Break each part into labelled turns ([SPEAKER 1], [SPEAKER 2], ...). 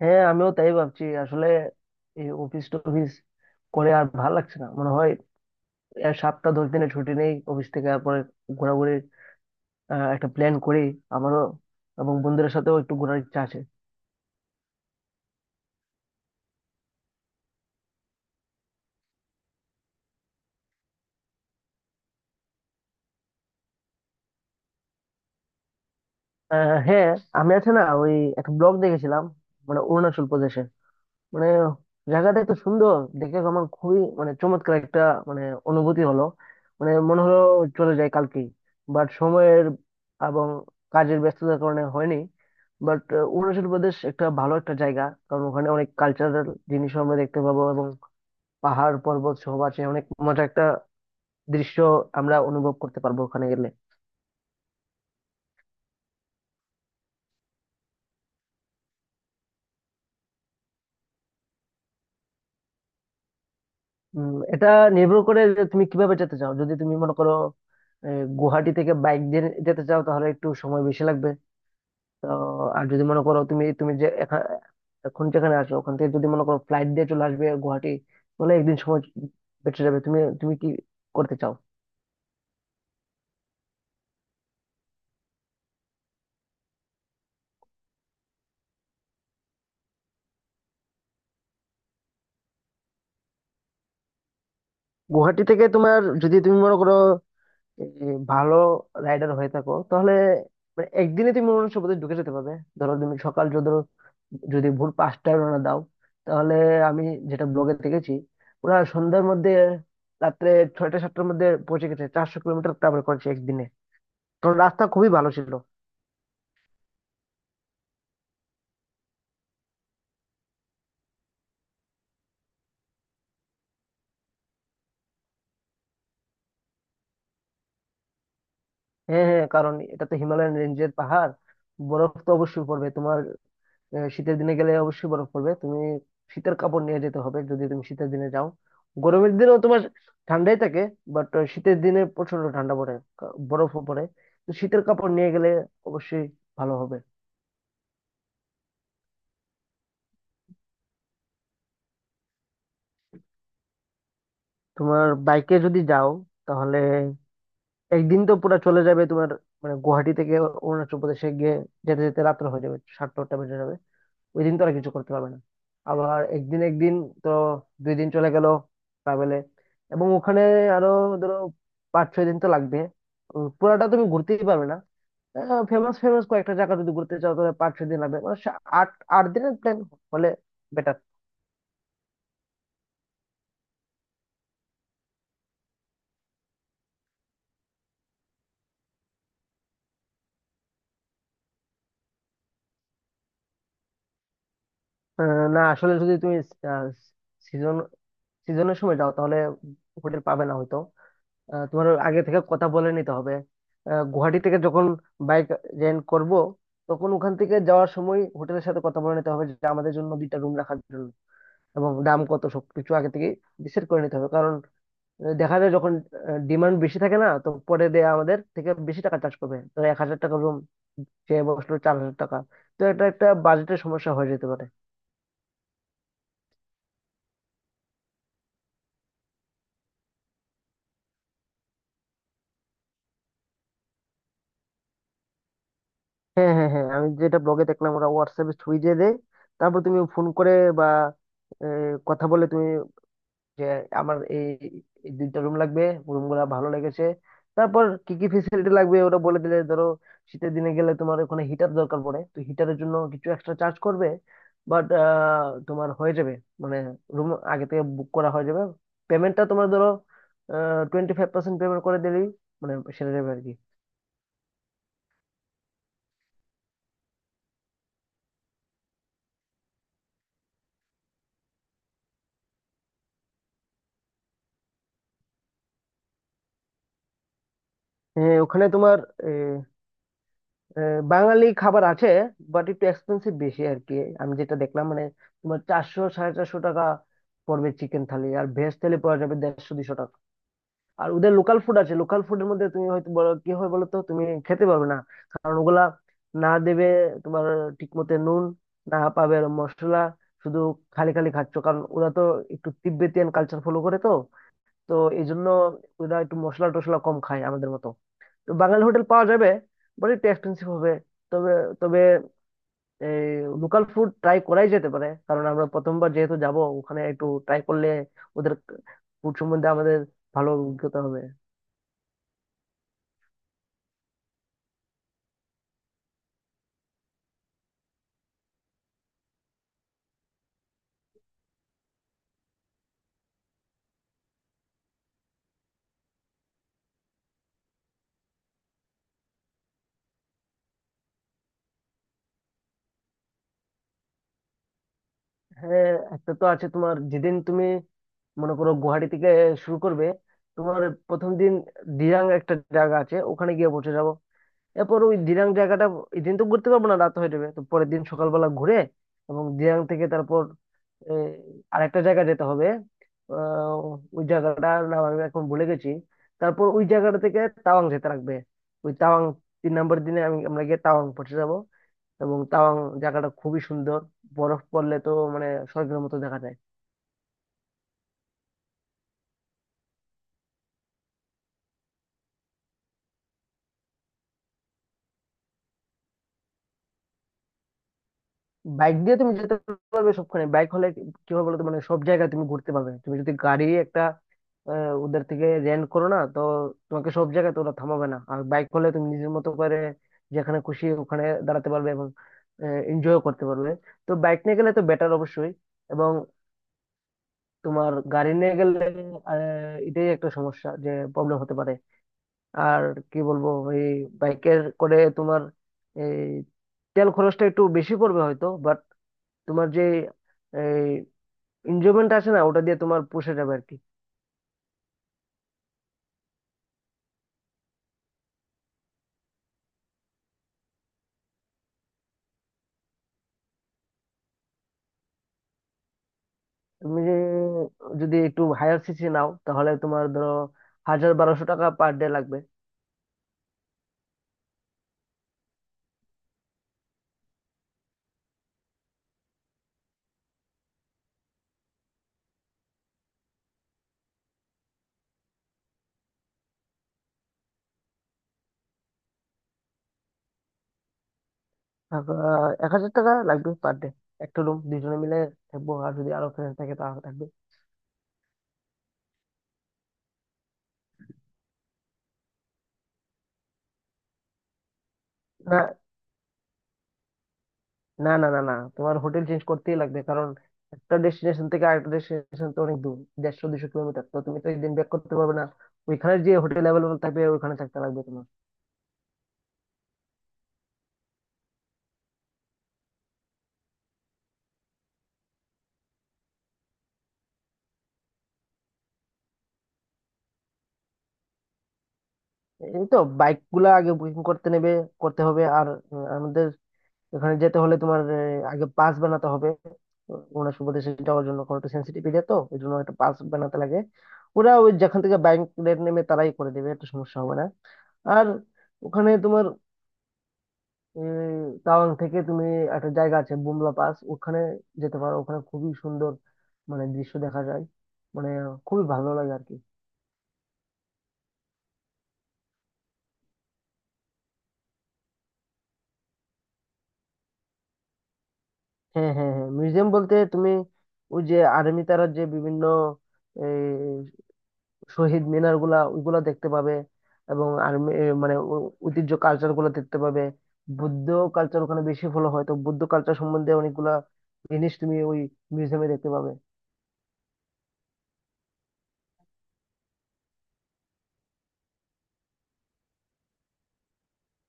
[SPEAKER 1] হ্যাঁ, আমিও তাই ভাবছি আসলে। এই অফিস টফিস করে আর ভাল লাগছে না মনে হয়। এর সপ্তাহ 10 দিনের ছুটি নেই অফিস থেকে, আর পরে ঘোরাঘুরি, একটা প্ল্যান করি। আমারও এবং বন্ধুদের সাথেও একটু ঘোরার ইচ্ছা আছে। হ্যাঁ, আমি আছে না ওই, একটা ব্লগ দেখেছিলাম মানে অরুণাচল প্রদেশে। মানে জায়গাটা তো সুন্দর দেখে আমার খুবই, মানে চমৎকার একটা, মানে অনুভূতি হলো, মানে মনে হলো চলে যায় কালকেই। বাট সময়ের এবং কাজের ব্যস্ততার কারণে হয়নি। বাট অরুণাচল প্রদেশ একটা ভালো একটা জায়গা, কারণ ওখানে অনেক কালচারাল জিনিসও আমরা দেখতে পাবো এবং পাহাড় পর্বত সহ আছে অনেক মজা একটা দৃশ্য আমরা অনুভব করতে পারবো ওখানে গেলে। উম, এটা নির্ভর করে যে তুমি কিভাবে যেতে চাও। যদি তুমি মনে করো গুয়াহাটি থেকে বাইক দিয়ে যেতে চাও, তাহলে একটু সময় বেশি লাগবে। তো আর যদি মনে করো তুমি তুমি যে এখন যেখানে আছো ওখান থেকে, যদি মনে করো ফ্লাইট দিয়ে চলে আসবে গুয়াহাটি, তাহলে একদিন সময় বেঁচে যাবে। তুমি তুমি কি করতে চাও? গুয়াহাটি থেকে তোমার, যদি তুমি মনে করো এই ভালো রাইডার হয়ে থাকো, তাহলে মানে একদিনে তুমি মনে হচ্ছে বোধহয় ঢুকে যেতে পারবে। ধরো তুমি সকাল যদি, ভোর 5টায় রওনা দাও, তাহলে আমি যেটা ব্লগে দেখেছি ওরা সন্ধ্যার মধ্যে, রাত্রে 6টা 7টার মধ্যে পৌঁছে গেছে, 400 কিলোমিটার ট্রাভেল করেছে একদিনে, কারণ রাস্তা খুবই ভালো ছিল। হ্যাঁ, হ্যাঁ, কারণ এটা তো হিমালয়ান রেঞ্জের পাহাড়, বরফ তো অবশ্যই পড়বে তোমার। শীতের দিনে গেলে অবশ্যই বরফ পড়বে, তুমি শীতের কাপড় নিয়ে যেতে হবে যদি তুমি শীতের দিনে যাও। গরমের দিনেও তোমার ঠান্ডাই থাকে, বাট শীতের দিনে প্রচন্ড ঠান্ডা পড়ে, বরফও পড়ে। তো শীতের কাপড় নিয়ে গেলে অবশ্যই ভালো হবে। তোমার বাইকে যদি যাও, তাহলে একদিন তো পুরো চলে যাবে তোমার, মানে গুয়াহাটি থেকে অরুণাচল প্রদেশে গিয়ে যেতে যেতে রাত্র হয়ে যাবে, 7টা 8টা বেজে যাবে। ওই দিন তোরা কিছু করতে পারবে না। আবার একদিন একদিন, তো 2 দিন চলে গেল ট্রাভেলে। এবং ওখানে আরো, ধরো, 5-6 দিন তো লাগবে। উম, পুরাটা তুমি ঘুরতেই পারবে না। ফেমাস ফেমাস কয়েকটা জায়গা যদি ঘুরতে চাও, তাহলে 5-6 দিন লাগবে, মানে সা- আট আট দিনের প্ল্যান হলে বেটার। না, আসলে যদি তুমি সিজন সিজনের সময় যাও, তাহলে হোটেল পাবে না হয়তো। তোমার আগে থেকে কথা বলে নিতে হবে। গুয়াহাটি থেকে যখন বাইক রেন্ট করব, তখন ওখান থেকে যাওয়ার সময় হোটেলের সাথে কথা বলে নিতে হবে যে আমাদের জন্য দুইটা রুম রাখার জন্য, এবং দাম কত সবকিছু আগে থেকে ডিসাইড করে নিতে হবে। কারণ দেখা যায় যখন ডিমান্ড বেশি থাকে, না তো পরে দেয়া আমাদের থেকে বেশি টাকা চার্জ করবে। ধরো 1,000 টাকা রুম চেয়ে বসলো 4,000 টাকা, তো এটা একটা বাজেটের সমস্যা হয়ে যেতে পারে। হ্যাঁ, হ্যাঁ, হ্যাঁ, আমি যেটা ব্লগে দেখলাম ওরা হোয়াটসঅ্যাপে ছবি দিয়ে দেয়, তারপর তুমি ফোন করে বা এ, কথা বলে তুমি যে আমার এই, এই দুইটা রুম লাগবে, রুম গুলা ভালো লেগেছে। তারপর কি কি ফেসিলিটি লাগবে ওরা বলে দিলে, ধরো শীতের দিনে গেলে তোমার ওখানে হিটার দরকার পড়ে, তো হিটারের জন্য কিছু এক্সট্রা চার্জ করবে। বাট তোমার হয়ে যাবে, মানে রুম আগে থেকে বুক করা হয়ে যাবে। পেমেন্টটা তোমার, ধরো, 25% পেমেন্ট করে দিলেই মানে সেরে যাবে আর কি। ওখানে তোমার বাঙালি খাবার আছে, বাট একটু এক্সপেন্সিভ বেশি আর কি। আমি যেটা দেখলাম মানে তোমার 400-450 টাকা পড়বে চিকেন থালি, আর ভেজ থালি পড়া যাবে 150-200 টাকা। আর ওদের লোকাল ফুড আছে, লোকাল ফুডের মধ্যে তুমি হয়তো বলো কি হয় বলো তো তুমি খেতে পারবে না, কারণ ওগুলা না দেবে তোমার ঠিক মতো নুন, না পাবে মশলা, শুধু খালি খালি খাচ্ছ। কারণ ওরা তো একটু তিব্বেতিয়ান কালচার ফলো করে, তো তো এই জন্য ওরা একটু মশলা টশলা কম খায় আমাদের মতো। বাঙালি হোটেল পাওয়া যাবে বাট একটু এক্সপেন্সিভ হবে। তবে, তবে এই লোকাল ফুড ট্রাই করাই যেতে পারে, কারণ আমরা প্রথমবার যেহেতু যাব ওখানে একটু ট্রাই করলে ওদের ফুড সম্বন্ধে আমাদের ভালো অভিজ্ঞতা হবে। হ্যাঁ, একটা তো আছে তোমার, যেদিন তুমি মনে করো গুয়াহাটি থেকে শুরু করবে, তোমার প্রথম দিন দিরাং একটা জায়গা আছে, ওখানে গিয়ে পৌঁছে যাবো। এরপর ওই দিরাং জায়গাটা, এই দিন তো ঘুরতে পারবো না রাত হয়ে যাবে, তো পরের দিন সকালবেলা ঘুরে, এবং দিরাং থেকে তারপর এই আরেকটা জায়গা যেতে হবে। আহ, ওই জায়গাটার নাম আমি এখন ভুলে গেছি। তারপর ওই জায়গাটা থেকে তাওয়াং যেতে লাগবে। ওই তাওয়াং, 3 নম্বর দিনে আমরা গিয়ে তাওয়াং পৌঁছে যাব। এবং তাওয়াং জায়গাটা খুবই সুন্দর, বরফ পড়লে তো মানে স্বর্গের মতো দেখা যায়। বাইক দিয়ে তুমি যেতে পারবে সবখানে। বাইক হলে কি হবে বলতো, মানে সব জায়গায় তুমি ঘুরতে পারবে। তুমি যদি গাড়ি একটা ওদের থেকে রেন্ট করো, না তো তোমাকে সব জায়গায় তো ওরা থামাবে না। আর বাইক হলে তুমি নিজের মতো করে যেখানে খুশি ওখানে দাঁড়াতে পারবে এবং এনজয় করতে পারবে। তো বাইক নিয়ে গেলে তো বেটার অবশ্যই। এবং তোমার গাড়ি নিয়ে গেলে এটাই একটা সমস্যা যে প্রবলেম হতে পারে। আর কি বলবো, এই বাইকের করে তোমার এই তেল খরচটা একটু বেশি পড়বে হয়তো, তোমার যে এনজয়মেন্ট আসে না ওটা দিয়ে তোমার পুষে যাবে আর কি। তুমি যে যদি একটু হায়ার সিসি নাও, তাহলে তোমার ধরো 1,000-1,200 টাকা পার ডে লাগবে। আহ, 1,000 টাকা লাগবে পার ডে, একটা রুম দুজনে মিলে থাকবো। আর যদি আরো ফ্রেন্ড থাকে তাহলে থাকবে। না না না না না, তোমার হোটেল চেঞ্জ করতেই লাগবে, কারণ একটা ডেস্টিনেশন থেকে আরেকটা ডেস্টিনেশন তো অনেক দূর, 150-200 কিলোমিটার, তো তুমি তো একদিন ব্যাক করতে পারবে না। ওইখানে যে হোটেল অ্যাভেলেবল থাকবে ওইখানে থাকতে লাগবে তোমার। এই তো, বাইক গুলা আগে বুকিং করতে হবে। আর উম, আমাদের এখানে যেতে হলে তোমার আগে পাস বানাতে হবে ওনার সুবাদে যাওয়ার জন্য, কারণ একটু সেন্সিটিভ এরিয়া তো, এই জন্য একটা পাস বানাতে লাগে। ওরা ওই যেখান থেকে বাইক রেট নেমে তারাই করে দেবে, একটা সমস্যা হবে না। আর ওখানে তোমার উম, তাওয়াং থেকে তুমি একটা জায়গা আছে বুমলা পাস, ওখানে যেতে পারো, ওখানে খুবই সুন্দর মানে দৃশ্য দেখা যায়, মানে খুবই ভালো লাগে আর কি। হ্যাঁ, হ্যাঁ, হ্যাঁ, মিউজিয়াম বলতে তুমি ওই যে আর্মি তারা যে বিভিন্ন এই, শহীদ মিনার গুলা ওইগুলা দেখতে পাবে, এবং আর্মি মানে ঐতিহ্য কালচার গুলা দেখতে পাবে। বৌদ্ধ কালচার ওখানে বেশি ফলো হয়, তো বৌদ্ধ কালচার সম্বন্ধে অনেকগুলা জিনিস তুমি ওই মিউজিয়ামে দেখতে পাবে।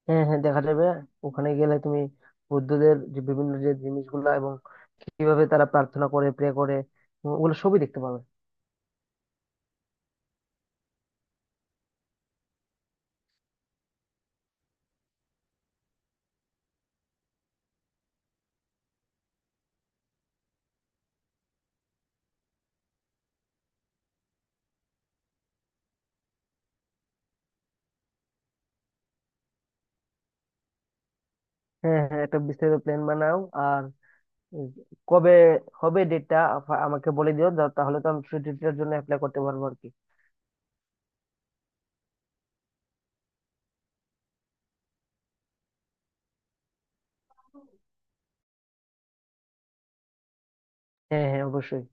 [SPEAKER 1] হ্যাঁ, হ্যাঁ, দেখা যাবে। ওখানে গেলে তুমি বৌদ্ধদের যে বিভিন্ন যে জিনিসগুলা, এবং কিভাবে তারা প্রার্থনা করে, প্রে করে, ওগুলো সবই দেখতে পাবে। হ্যাঁ, হ্যাঁ, একটা বিস্তারিত প্ল্যান বানাও। আর উম, কবে হবে ডেটটা আমাকে বলে দিও, তাহলে তো আমি ছুটিটার জন্য অ্যাপ্লাই করতে পারবো আর কি। হ্যাঁ, হ্যাঁ, অবশ্যই।